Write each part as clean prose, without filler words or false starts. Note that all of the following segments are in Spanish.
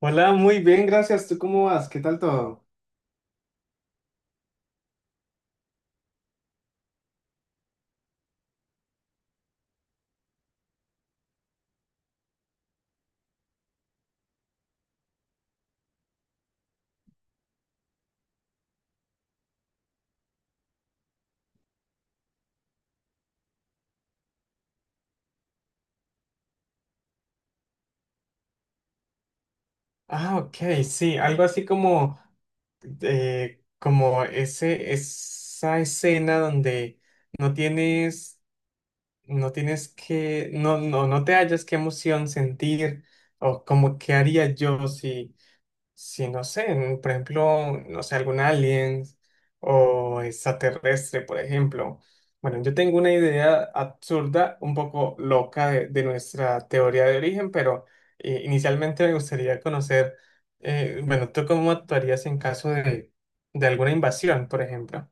Hola, muy bien, gracias. ¿Tú cómo vas? ¿Qué tal todo? Ah, ok, sí, algo así como, como esa escena donde no tienes, no tienes no, no, no te hallas qué emoción sentir o como qué haría yo si no sé, por ejemplo, no sé, algún alien o extraterrestre, por ejemplo. Bueno, yo tengo una idea absurda, un poco loca de nuestra teoría de origen, pero inicialmente me gustaría conocer, bueno, ¿tú cómo actuarías en caso de alguna invasión, por ejemplo?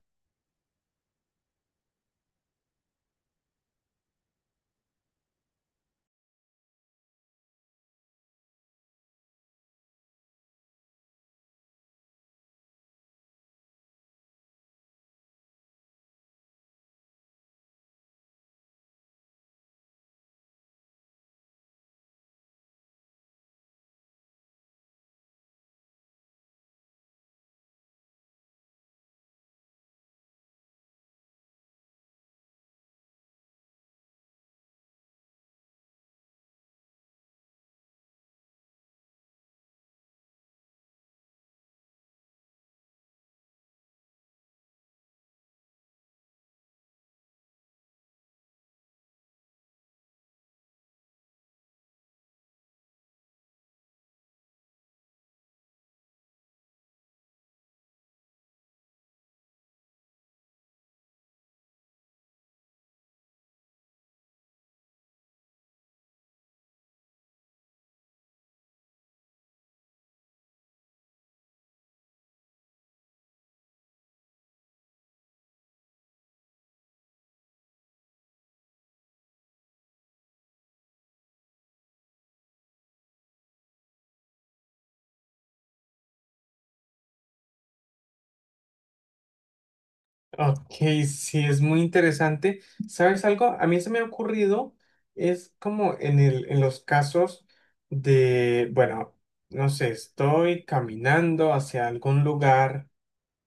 Ok, sí, es muy interesante. ¿Sabes algo? A mí se me ha ocurrido, es como en en los casos de, bueno, no sé, estoy caminando hacia algún lugar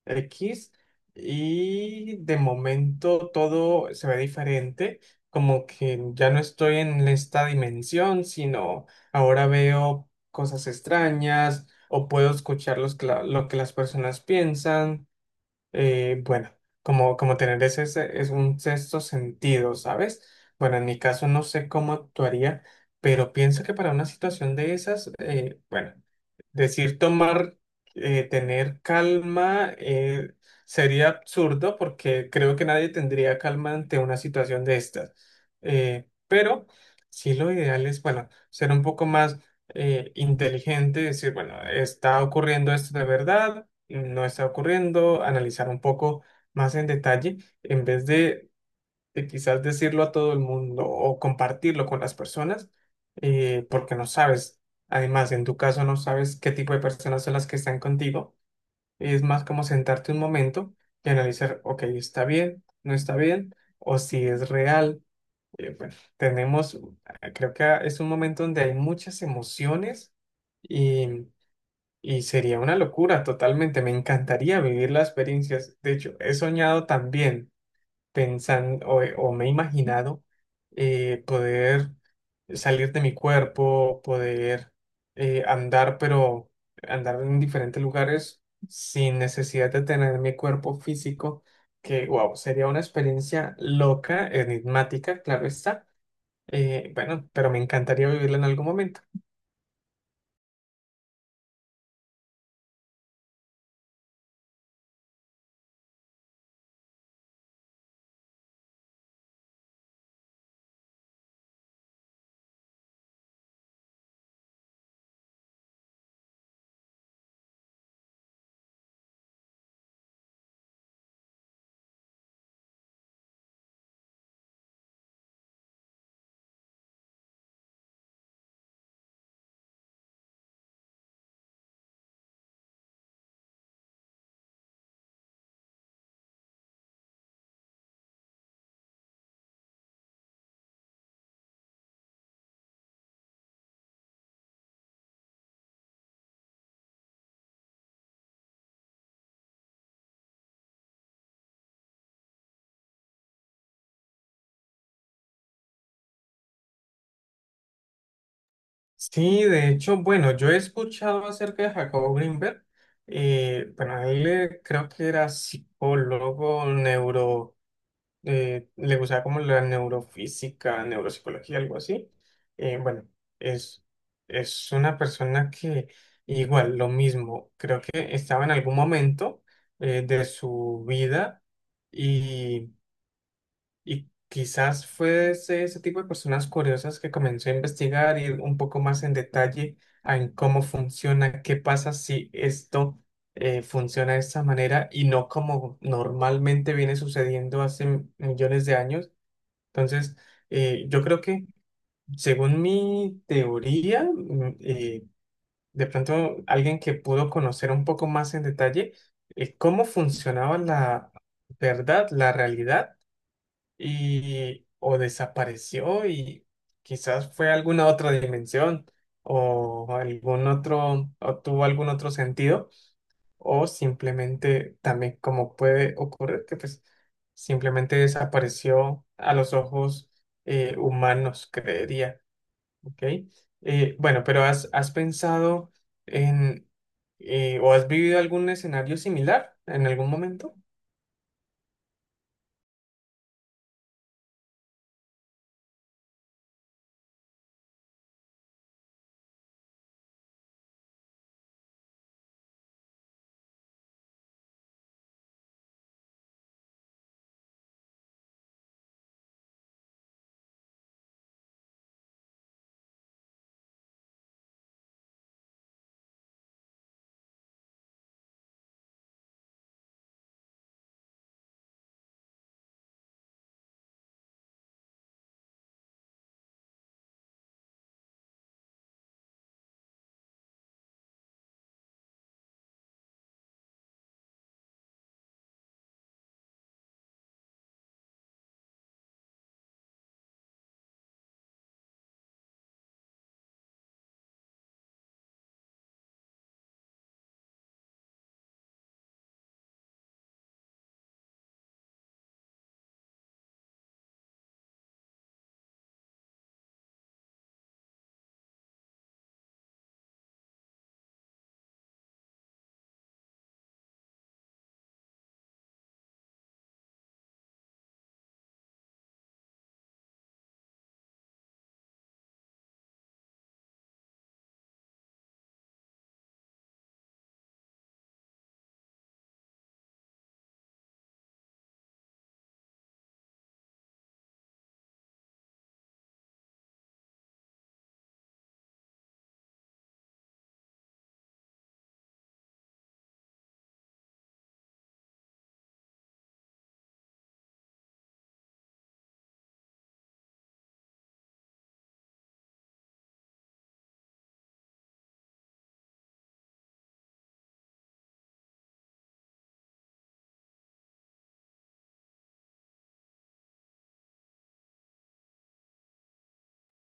X y de momento todo se ve diferente, como que ya no estoy en esta dimensión, sino ahora veo cosas extrañas o puedo escuchar los lo que las personas piensan. eh, bueno, como, como tener es un sexto sentido, ¿sabes? Bueno, en mi caso no sé cómo actuaría, pero pienso que para una situación de esas, bueno, decir tomar, tener calma, sería absurdo porque creo que nadie tendría calma ante una situación de estas. Pero sí lo ideal es, bueno, ser un poco más inteligente, decir, bueno, está ocurriendo esto de verdad no está ocurriendo, analizar un poco más en detalle, en vez de quizás decirlo a todo el mundo o compartirlo con las personas, porque no sabes, además en tu caso no sabes qué tipo de personas son las que están contigo, es más como sentarte un momento y analizar, ok, está bien, no está bien, o si es real. Bueno, tenemos, creo que es un momento donde hay muchas emociones. y y sería una locura totalmente, me encantaría vivir las experiencias. De hecho, he soñado también pensando o me he imaginado poder salir de mi cuerpo, poder andar, pero andar en diferentes lugares sin necesidad de tener mi cuerpo físico, que wow, sería una experiencia loca, enigmática, claro está. Bueno, pero me encantaría vivirla en algún momento. Sí, de hecho, bueno, yo he escuchado acerca de Jacobo Grinberg. Eh, bueno, él creo que era psicólogo, neuro, le gustaba como la neurofísica, neuropsicología, algo así. Eh, bueno, es, es una persona que igual, lo mismo, creo que estaba en algún momento de su vida y quizás fue ese tipo de personas curiosas que comenzó a investigar, ir un poco más en detalle a en cómo funciona, qué pasa si esto funciona de esta manera y no como normalmente viene sucediendo hace millones de años. Entonces, yo creo que según mi teoría, de pronto alguien que pudo conocer un poco más en detalle cómo funcionaba la verdad, la realidad y o desapareció y quizás fue a alguna otra dimensión o algún otro o tuvo algún otro sentido o simplemente también como puede ocurrir que pues simplemente desapareció a los ojos humanos, creería, ¿ok? Has pensado en o has vivido algún escenario similar en algún momento?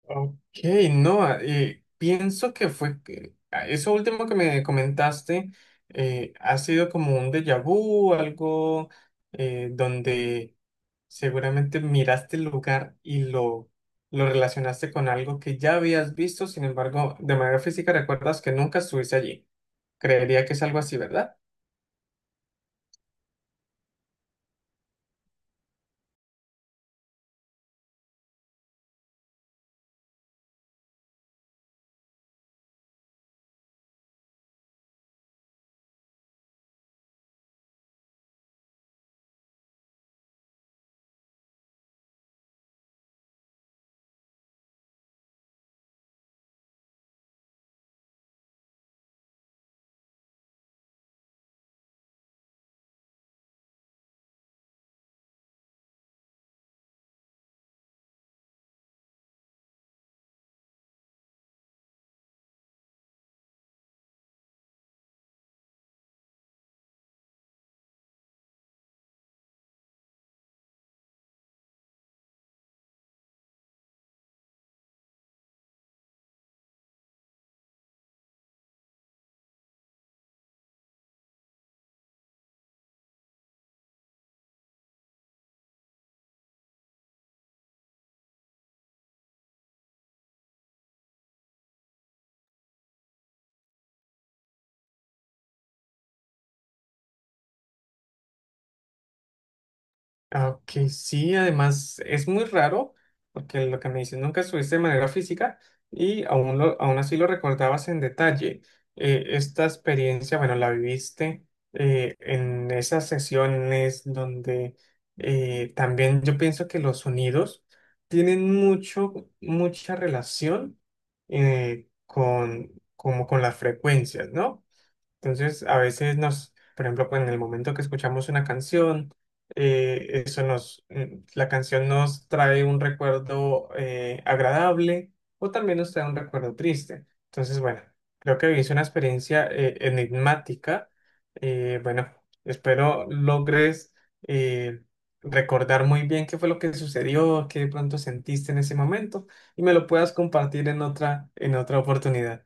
Ok, no, ah, pienso que eso último que me comentaste ha sido como un déjà vu, algo donde seguramente miraste el lugar y lo relacionaste con algo que ya habías visto, sin embargo, de manera física recuerdas que nunca estuviste allí. Creería que es algo así, ¿verdad? Ah, ok, sí, además es muy raro, porque lo que me dices nunca estuviste de manera física y aún así lo recordabas en detalle. Esta experiencia, bueno, la viviste en esas sesiones donde también yo pienso que los sonidos tienen mucho, mucha relación con, como con las frecuencias, ¿no? Entonces, a veces nos, por ejemplo, pues, en el momento que escuchamos una canción, eso la canción nos trae un recuerdo agradable o también nos trae un recuerdo triste. Entonces, bueno, creo que vivís una experiencia enigmática. Bueno, espero logres eh, recordar muy bien qué fue lo que sucedió, qué de pronto sentiste en ese momento y me lo puedas compartir en otra oportunidad.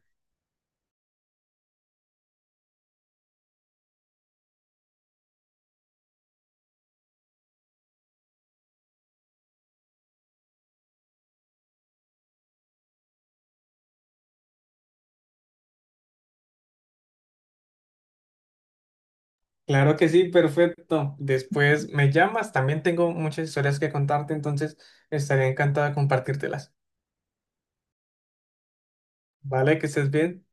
Claro que sí, perfecto. Después me llamas, también tengo muchas historias que contarte, entonces estaría encantado de compartírtelas. Vale, que estés bien.